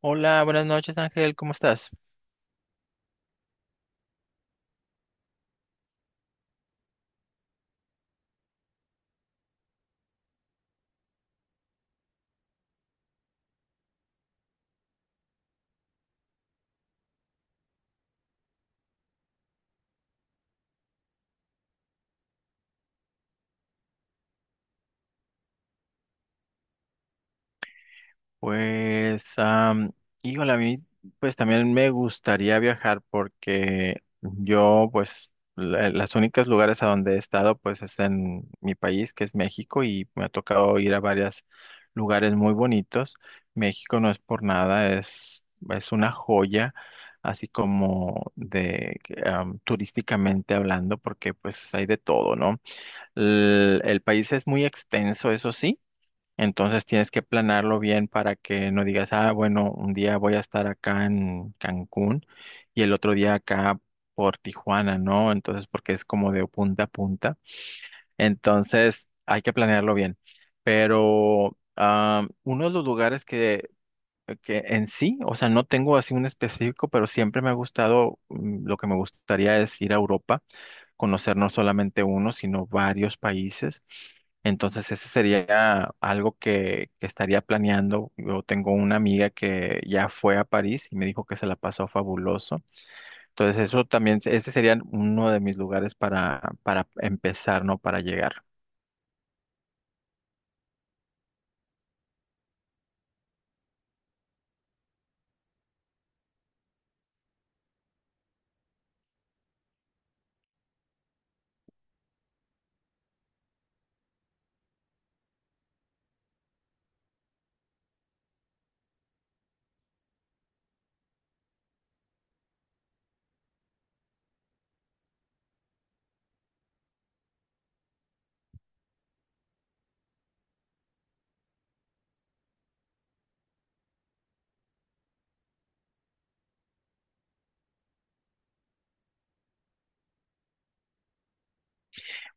Hola, buenas noches Ángel, ¿cómo estás? Pues, híjole, a mí pues también me gustaría viajar porque yo pues las únicas lugares a donde he estado pues es en mi país que es México y me ha tocado ir a varios lugares muy bonitos. México no es por nada, es una joya así como de turísticamente hablando porque pues hay de todo, ¿no? El país es muy extenso, eso sí. Entonces tienes que planearlo bien para que no digas, ah, bueno, un día voy a estar acá en Cancún y el otro día acá por Tijuana, ¿no? Entonces, porque es como de punta a punta. Entonces, hay que planearlo bien. Pero ah, uno de los que en sí, o sea, no tengo así un específico, pero siempre me ha gustado, lo que me gustaría es ir a Europa, conocer no solamente uno, sino varios países. Entonces, ese sería algo que estaría planeando. Yo tengo una amiga que ya fue a París y me dijo que se la pasó fabuloso. Entonces, eso también, ese sería uno de mis lugares para empezar, ¿no? Para llegar.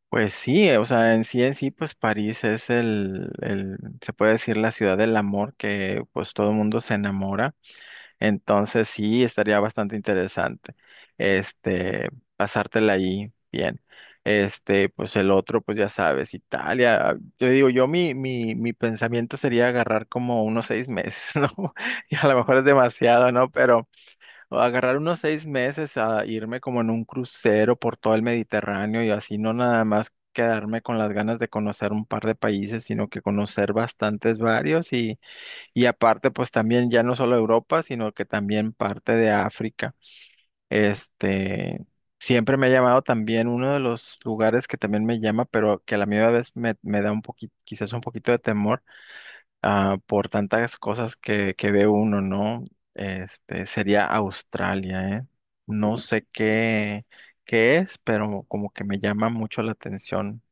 Pues sí, o sea, en sí, pues París es el, se puede decir, la ciudad del amor, que pues todo el mundo se enamora. Entonces sí, estaría bastante interesante, este, pasártela ahí bien. Este, pues el otro, pues ya sabes, Italia. Yo digo, yo mi pensamiento sería agarrar como unos seis meses, ¿no? Y a lo mejor es demasiado, ¿no? Pero agarrar unos seis meses a irme como en un crucero por todo el Mediterráneo y así no nada más quedarme con las ganas de conocer un par de países, sino que conocer bastantes varios, y aparte, pues también ya no solo Europa, sino que también parte de África. Este, siempre me ha llamado también uno de los lugares que también me llama, pero que a la misma vez me da un poquito, quizás un poquito de temor, ah, por tantas cosas que ve uno, ¿no? Este, sería Australia, ¿eh? No sé qué es, pero como que me llama mucho la atención.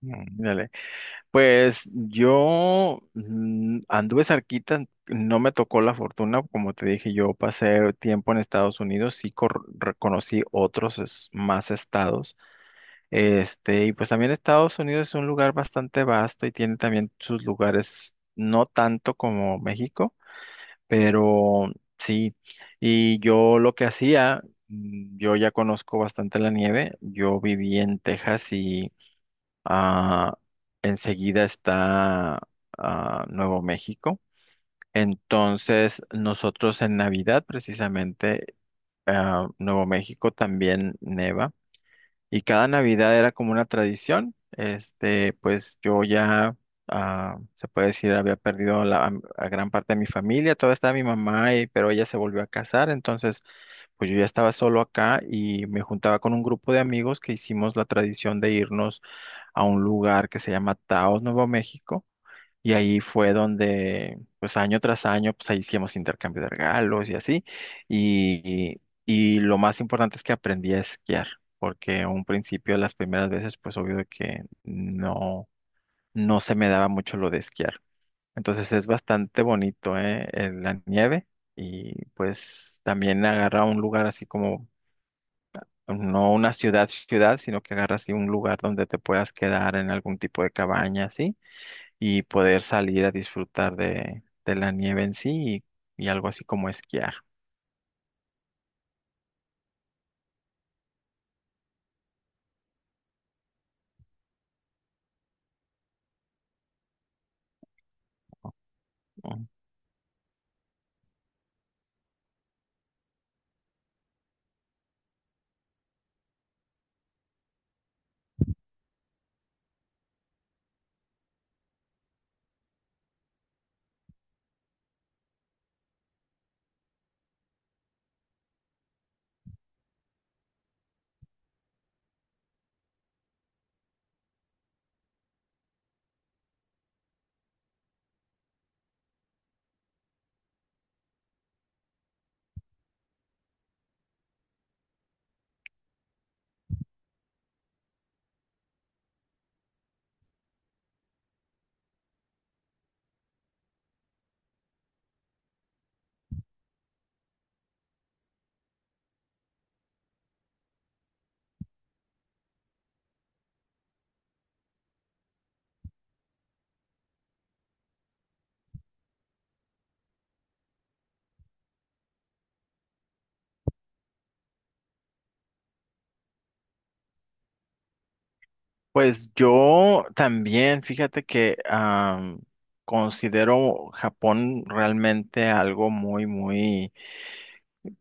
Mm, dale. Pues yo, mm, anduve cerquita, no me tocó la fortuna, como te dije, yo pasé tiempo en Estados Unidos, sí reconocí otros más estados, este, y pues también Estados Unidos es un lugar bastante vasto y tiene también sus lugares, no tanto como México, pero sí. Y yo lo que hacía, mm, yo ya conozco bastante la nieve, yo viví en Texas, ah, enseguida está, ah, Nuevo México. Entonces, nosotros en Navidad, precisamente, ah, Nuevo México también neva. Y cada Navidad era como una tradición. Este, pues yo ya, ah, se puede decir, había perdido a gran parte de mi familia. Todavía estaba mi mamá, pero ella se volvió a casar. Entonces, pues yo ya estaba solo acá y me juntaba con un grupo de amigos que hicimos la tradición de irnos a un lugar que se llama Taos, Nuevo México, y ahí fue donde, pues año tras año, pues ahí hacíamos intercambio de regalos y así, y, y lo más importante es que aprendí a esquiar, porque a un principio, las primeras veces, pues obvio de que no, no se me daba mucho lo de esquiar. Entonces es bastante bonito, ¿eh? La nieve, y pues también agarra un lugar así como, no una ciudad, ciudad, sino que agarra así un lugar donde te puedas quedar en algún tipo de cabaña, ¿sí? Y poder salir a disfrutar de la nieve en sí, y algo así como esquiar, ¿no? Pues yo también, fíjate que, am, considero Japón realmente algo muy, muy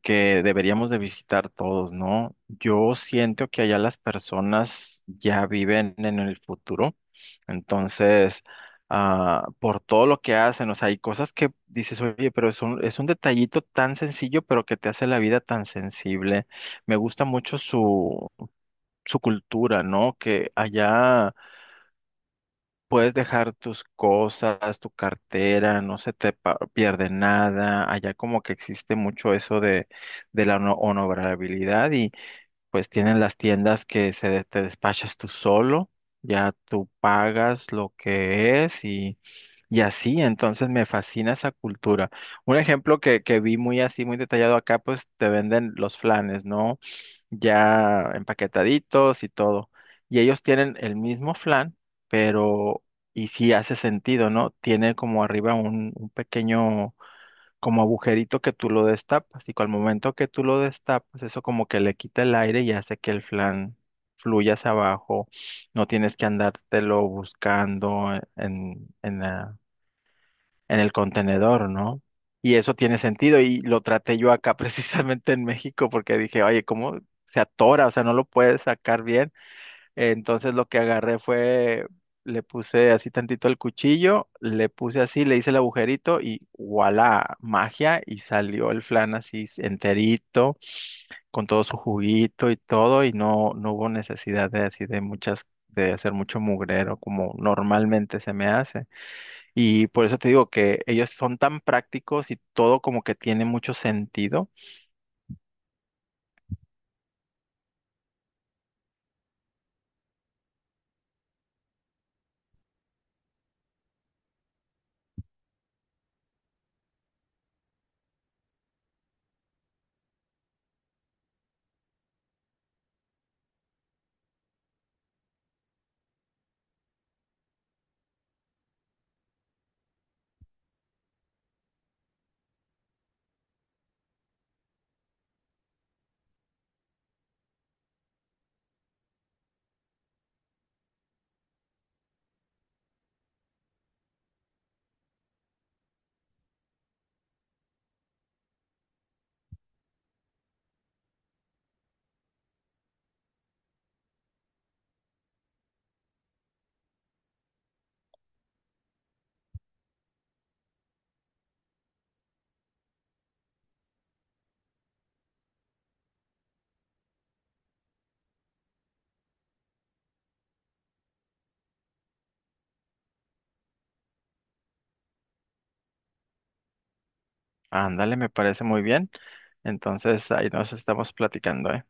que deberíamos de visitar todos, ¿no? Yo siento que allá las personas ya viven en el futuro, entonces, ah, por todo lo que hacen, o sea, hay cosas que dices, oye, pero es un detallito tan sencillo, pero que te hace la vida tan sensible. Me gusta mucho su cultura, ¿no? Que allá... Puedes dejar tus cosas, tu cartera, no se te pierde nada. Allá como que existe mucho eso de la honorabilidad, y pues tienen las tiendas que se te despachas tú solo, ya tú pagas lo que es, y así. Entonces me fascina esa cultura. Un ejemplo que vi muy así, muy detallado acá, pues te venden los flanes, ¿no? Ya empaquetaditos y todo. Y ellos tienen el mismo flan, pero, y sí hace sentido, ¿no? Tiene como arriba un pequeño, como agujerito que tú lo destapas, y que al momento que tú lo destapas, eso como que le quita el aire y hace que el flan fluya hacia abajo. No tienes que andártelo buscando en, en, en el contenedor, ¿no? Y eso tiene sentido y lo traté yo acá precisamente en México porque dije, oye, ¿cómo se atora? O sea, no lo puedes sacar bien. Entonces lo que agarré fue, le puse así tantito el cuchillo, le puse así, le hice el agujerito y voilà, magia, y salió el flan así enterito, con todo su juguito y todo, y no, no hubo necesidad de así de muchas, de hacer mucho mugrero como normalmente se me hace. Y por eso te digo que ellos son tan prácticos y todo como que tiene mucho sentido. Ándale, me parece muy bien. Entonces, ahí nos estamos platicando, ¿eh?